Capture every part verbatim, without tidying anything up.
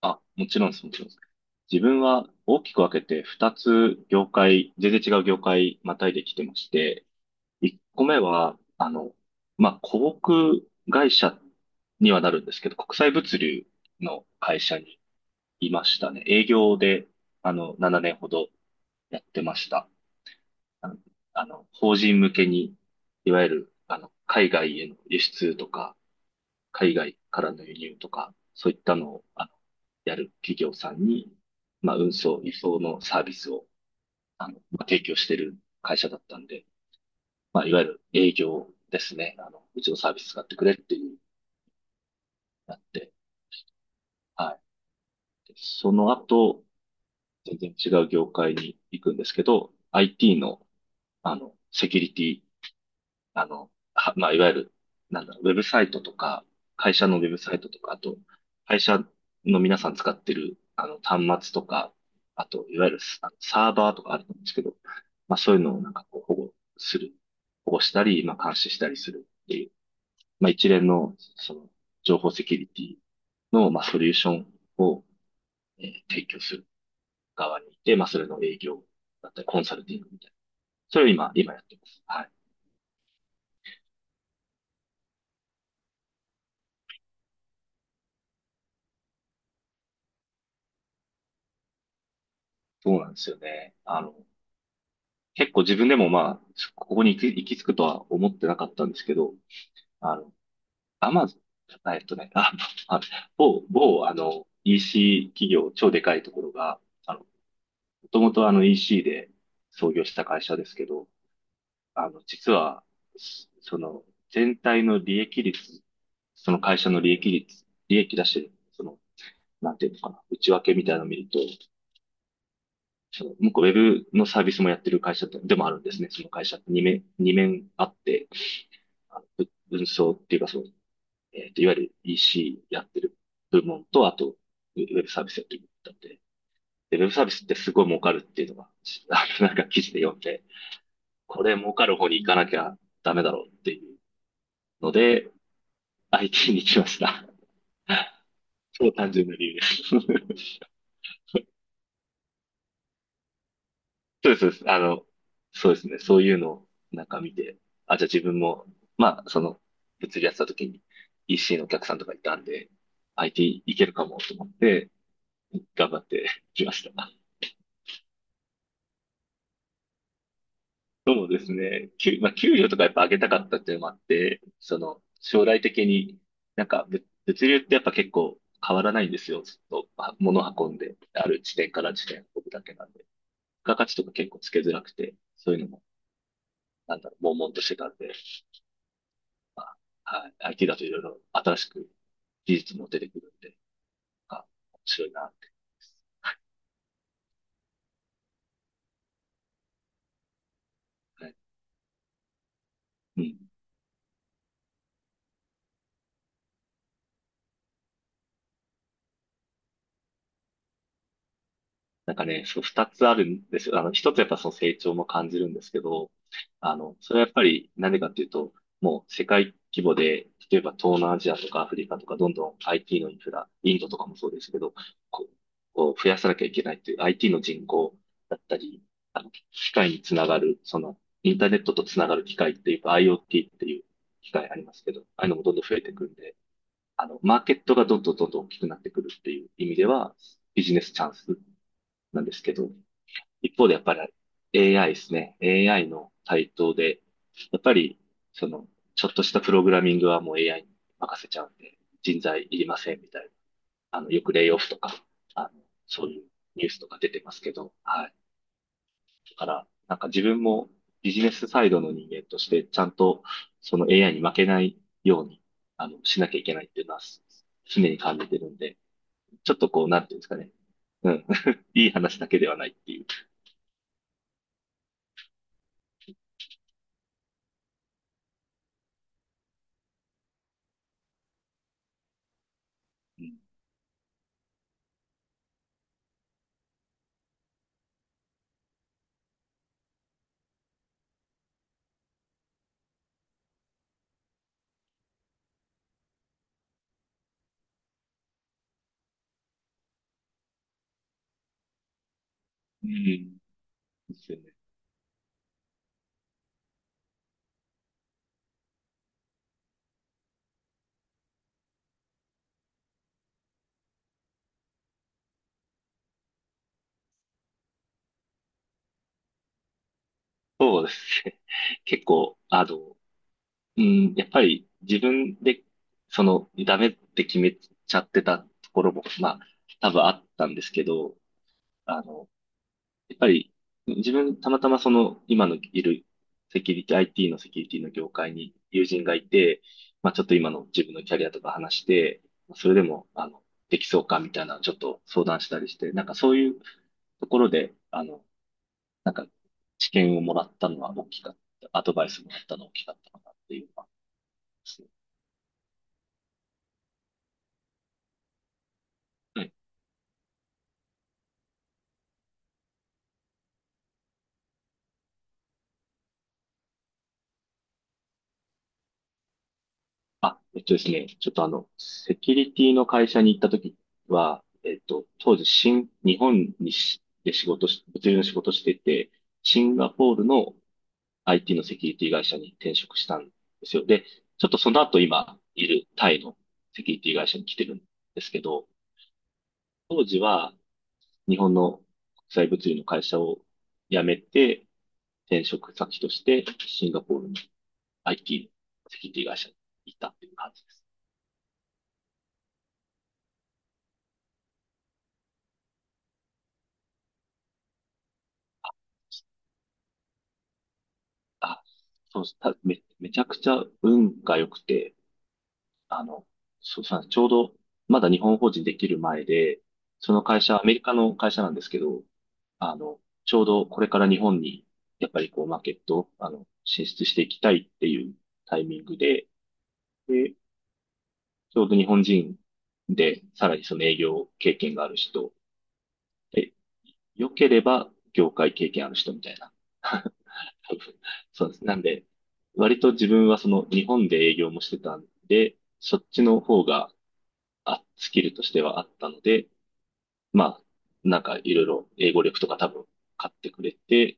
あ、もちろんです、もちろんです。自分は大きく分けてふたつ業界、全然違う業界またいできてまして、いっこめは、あの、まあ、広告会社にはなるんですけど、国際物流の会社にいましたね。営業で、あの、ななねんほどやってました。あの、あの法人向けに、いわゆる、あの、海外への輸出とか、海外からの輸入とか、そういったのを、あの、やる企業さんに、まあ、運送、輸送のサービスを、あの、まあ、提供してる会社だったんで、まあ、いわゆる営業ですね。あの、うちのサービス使ってくれっていう、なって、はい。でその後、全然違う業界に行くんですけど、アイティー の、あの、セキュリティあの、はまあ、いわゆる、なんだろう、ウェブサイトとか、会社のウェブサイトとか、あと、会社の皆さん使ってる、あの、端末とか、あと、いわゆるスあのサーバーとかあると思うんですけど、まあ、そういうのをなんかこう保護する、保護したり、まあ、監視したりするっていう、まあ、一連の、その、情報セキュリティの、まあ、ソリューションを、えー提供する側にいて、まあ、それの営業だったり、コンサルティングみたいな。それを今、今やってます。はい。そうなんですよね。あの、結構自分でもまあ、ここに行き、行き着くとは思ってなかったんですけど、あの、アマゾン、えっとね、あ、あ、某、某、あの、イーシー 企業、超でかいところが、あの、もともとあの イーシー で創業した会社ですけど、あの、実は、そその、全体の利益率、その会社の利益率、利益出してる、その、なんていうのかな、内訳みたいなのを見ると、その、向こうウェブのサービスもやってる会社でもあるんですね、その会社。二面、二面あって、あの文章っていうか、その、えっと、いわゆる イーシー やってる部門と、あと、ウェブサービスやってる部門だって。で、ウェブサービスってすごい儲かるっていうのが、あの、なんか記事で読んで、これ儲かる方に行かなきゃダメだろうっていうので、アイティー に来ました。超単純な理由です。そうです、そうです。あの、そうですね。そういうのをなんか見て、あ、じゃあ自分も、まあ、その、物理やってた時に イーシー のお客さんとかいたんで、アイティー いけるかもと思って、頑張ってきました。そうですね。給、まあ、給料とかやっぱ上げたかったっていうのもあって、その、将来的に、なんか物、物流ってやっぱ結構変わらないんですよ。ずっと、まあ、物運んで、ある地点から地点運ぶだけなんで。付加価値とか結構つけづらくて、そういうのも、なんだろう、悶々としてたんで、まあ、はい、アイティー だといろいろ新しく技術も出てくるんで、まあ、面白いなって、はい。うん。なんかね、そう、二つあるんですよ。あの、一つやっぱその成長も感じるんですけど、あの、それはやっぱりなんでかっていうと、もう世界規模で、例えば東南アジアとかアフリカとかどんどん アイティー のインフラ、インドとかもそうですけど、こう、こう増やさなきゃいけないっていう アイティー の人口だったり、あの、機械につながる、その、インターネットとつながる機械っていうか IoT っていう機械ありますけど、ああいうのもどんどん増えてくんで、あの、マーケットがどんどんどんどん大きくなってくるっていう意味では、ビジネスチャンスなんですけど、一方でやっぱり エーアイ ですね。エーアイ の台頭で、やっぱり、その、ちょっとしたプログラミングはもう エーアイ に任せちゃうんで、人材いりませんみたいな。あの、よくレイオフとか、あの、そういうニュースとか出てますけど、はい。だから、なんか自分もビジネスサイドの人間として、ちゃんとその エーアイ に負けないように、あの、しなきゃいけないっていうのは、常に感じてるんで、ちょっとこう、なんていうんですかね。うん。いい話だけではないっていう。うん。うんですよね。そうですね。結構、あの、うん、やっぱり自分で、その、ダメって決めちゃってたところも、まあ、多分あったんですけど、あの、やっぱり、自分、たまたまその、今のいるセキュリティ、アイティー のセキュリティの業界に友人がいて、まあ、ちょっと今の自分のキャリアとか話して、それでも、あの、できそうかみたいな、ちょっと相談したりして、なんかそういうところで、あの、なんか、知見をもらったのは大きかった、アドバイスもらったのは大きかったかなっていうのはありますね。はい。あ、えっとですね、ちょっとあの、セキュリティの会社に行った時は、えっと、当時、新、日本にし、で仕事し、物流の仕事してて、シンガポールの アイティー のセキュリティ会社に転職したんですよ。で、ちょっとその後今いるタイのセキュリティ会社に来てるんですけど、当時は日本の国際物流の会社を辞めて、転職先としてシンガポールの アイティー のセキュリティ会社に行ったっていう感じです。あ、そうしため、めちゃくちゃ運が良くて、あの、そうさ、ちょうどまだ日本法人できる前で、その会社、アメリカの会社なんですけど、あの、ちょうどこれから日本に、やっぱりこう、マーケット、あの、進出していきたいっていうタイミングで、で、ちょうど日本人で、さらにその営業経験がある人、で良ければ業界経験ある人みたいな。多分そうです。なんで、割と自分はその日本で営業もしてたんで、そっちの方があスキルとしてはあったので、まあ、なんかいろいろ英語力とか多分買ってくれて、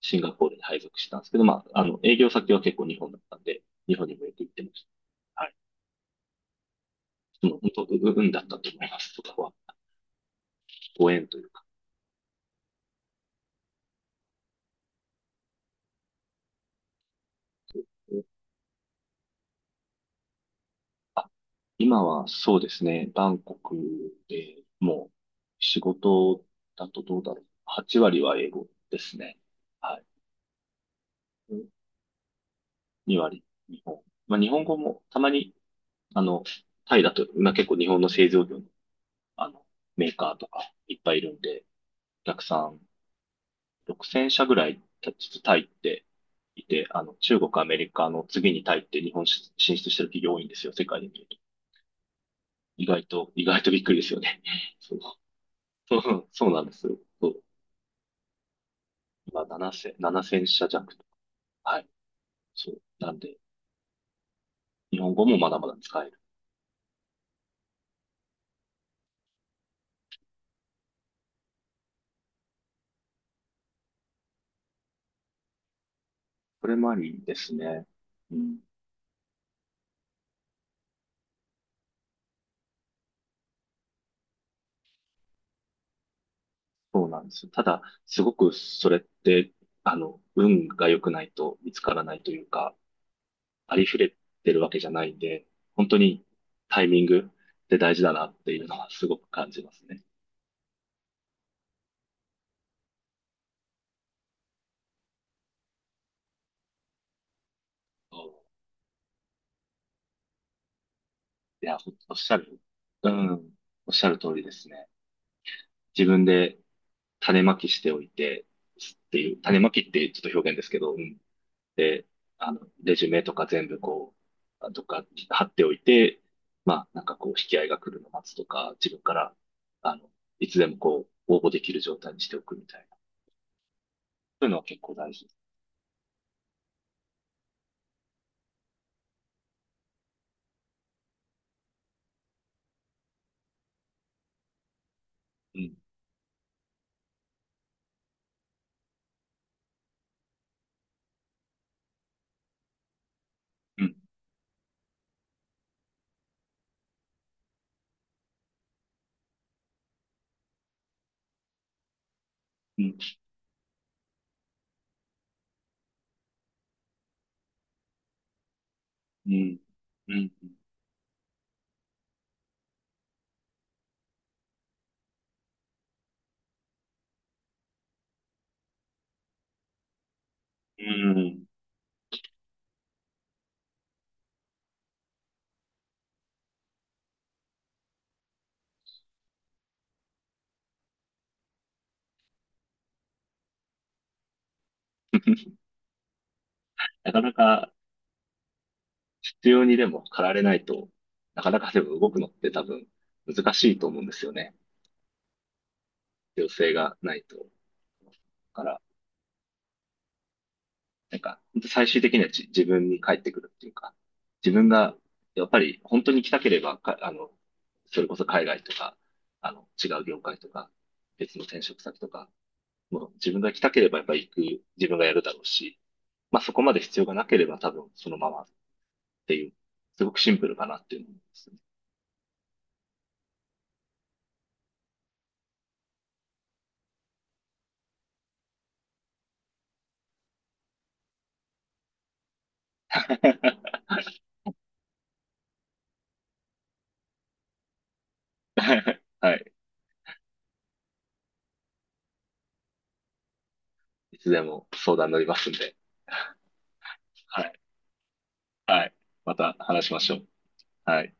シンガポールに配属したんですけど、まあ、あの、営業先は結構日本だったんで、日本にもよく行ってました。はい。でもう本当、運だったと思います、そこは。ご縁というか。あ、今はそうですね、バンコクでもう仕事だとどうだろう。はち割は英語ですね。はい。に割日本。まあ日本語もたまに、あの、タイだと、まあ結構日本の製造業の、あの、メーカーとかいっぱいいるんで、お客さんろくせん社ぐらい実はタイっていて、あの、中国、アメリカの次にタイって日本進出してる企業多いんですよ、世界で見ると。意外と、意外とびっくりですよね。そう そうそうなんですよ。そう。今、ななせん、ななせん社弱と。はい。そう。なんで、日本語もまだまだ使える。これもありですね。うん。そうなんですよ。ただ、すごくそれって、あの、運が良くないと見つからないというか、ありふれてるわけじゃないんで、本当にタイミングって大事だなっていうのはすごく感じますね。そういや、ほんおっしゃる、うん、おっしゃる通りですね。自分で種まきしておいて、っていう、種まきってちょっと表現ですけど、うんで、あの、レジュメとか全部こう、とか貼っておいて、まあ、なんかこう、引き合いが来るのを待つとか、自分から、あの、いつでもこう、応募できる状態にしておくみたいな。そういうのは結構大事。うん、うん、うん、うん、うん、うん。なかなか必要にでも駆られないと、なかなかでも動くのって多分難しいと思うんですよね。必要性がないと。だからなんか、本当最終的にはじ自分に返ってくるっていうか、自分が、やっぱり本当に来たければ、か、あの、それこそ海外とか、あの、違う業界とか、別の転職先とか、もう自分が来たければやっぱり行く、自分がやるだろうし、まあそこまで必要がなければ多分そのままっていう、すごくシンプルかなっていうのを思いますね。はい。いつでも相談乗りますんで。はい。はい。また話しましょう。はい。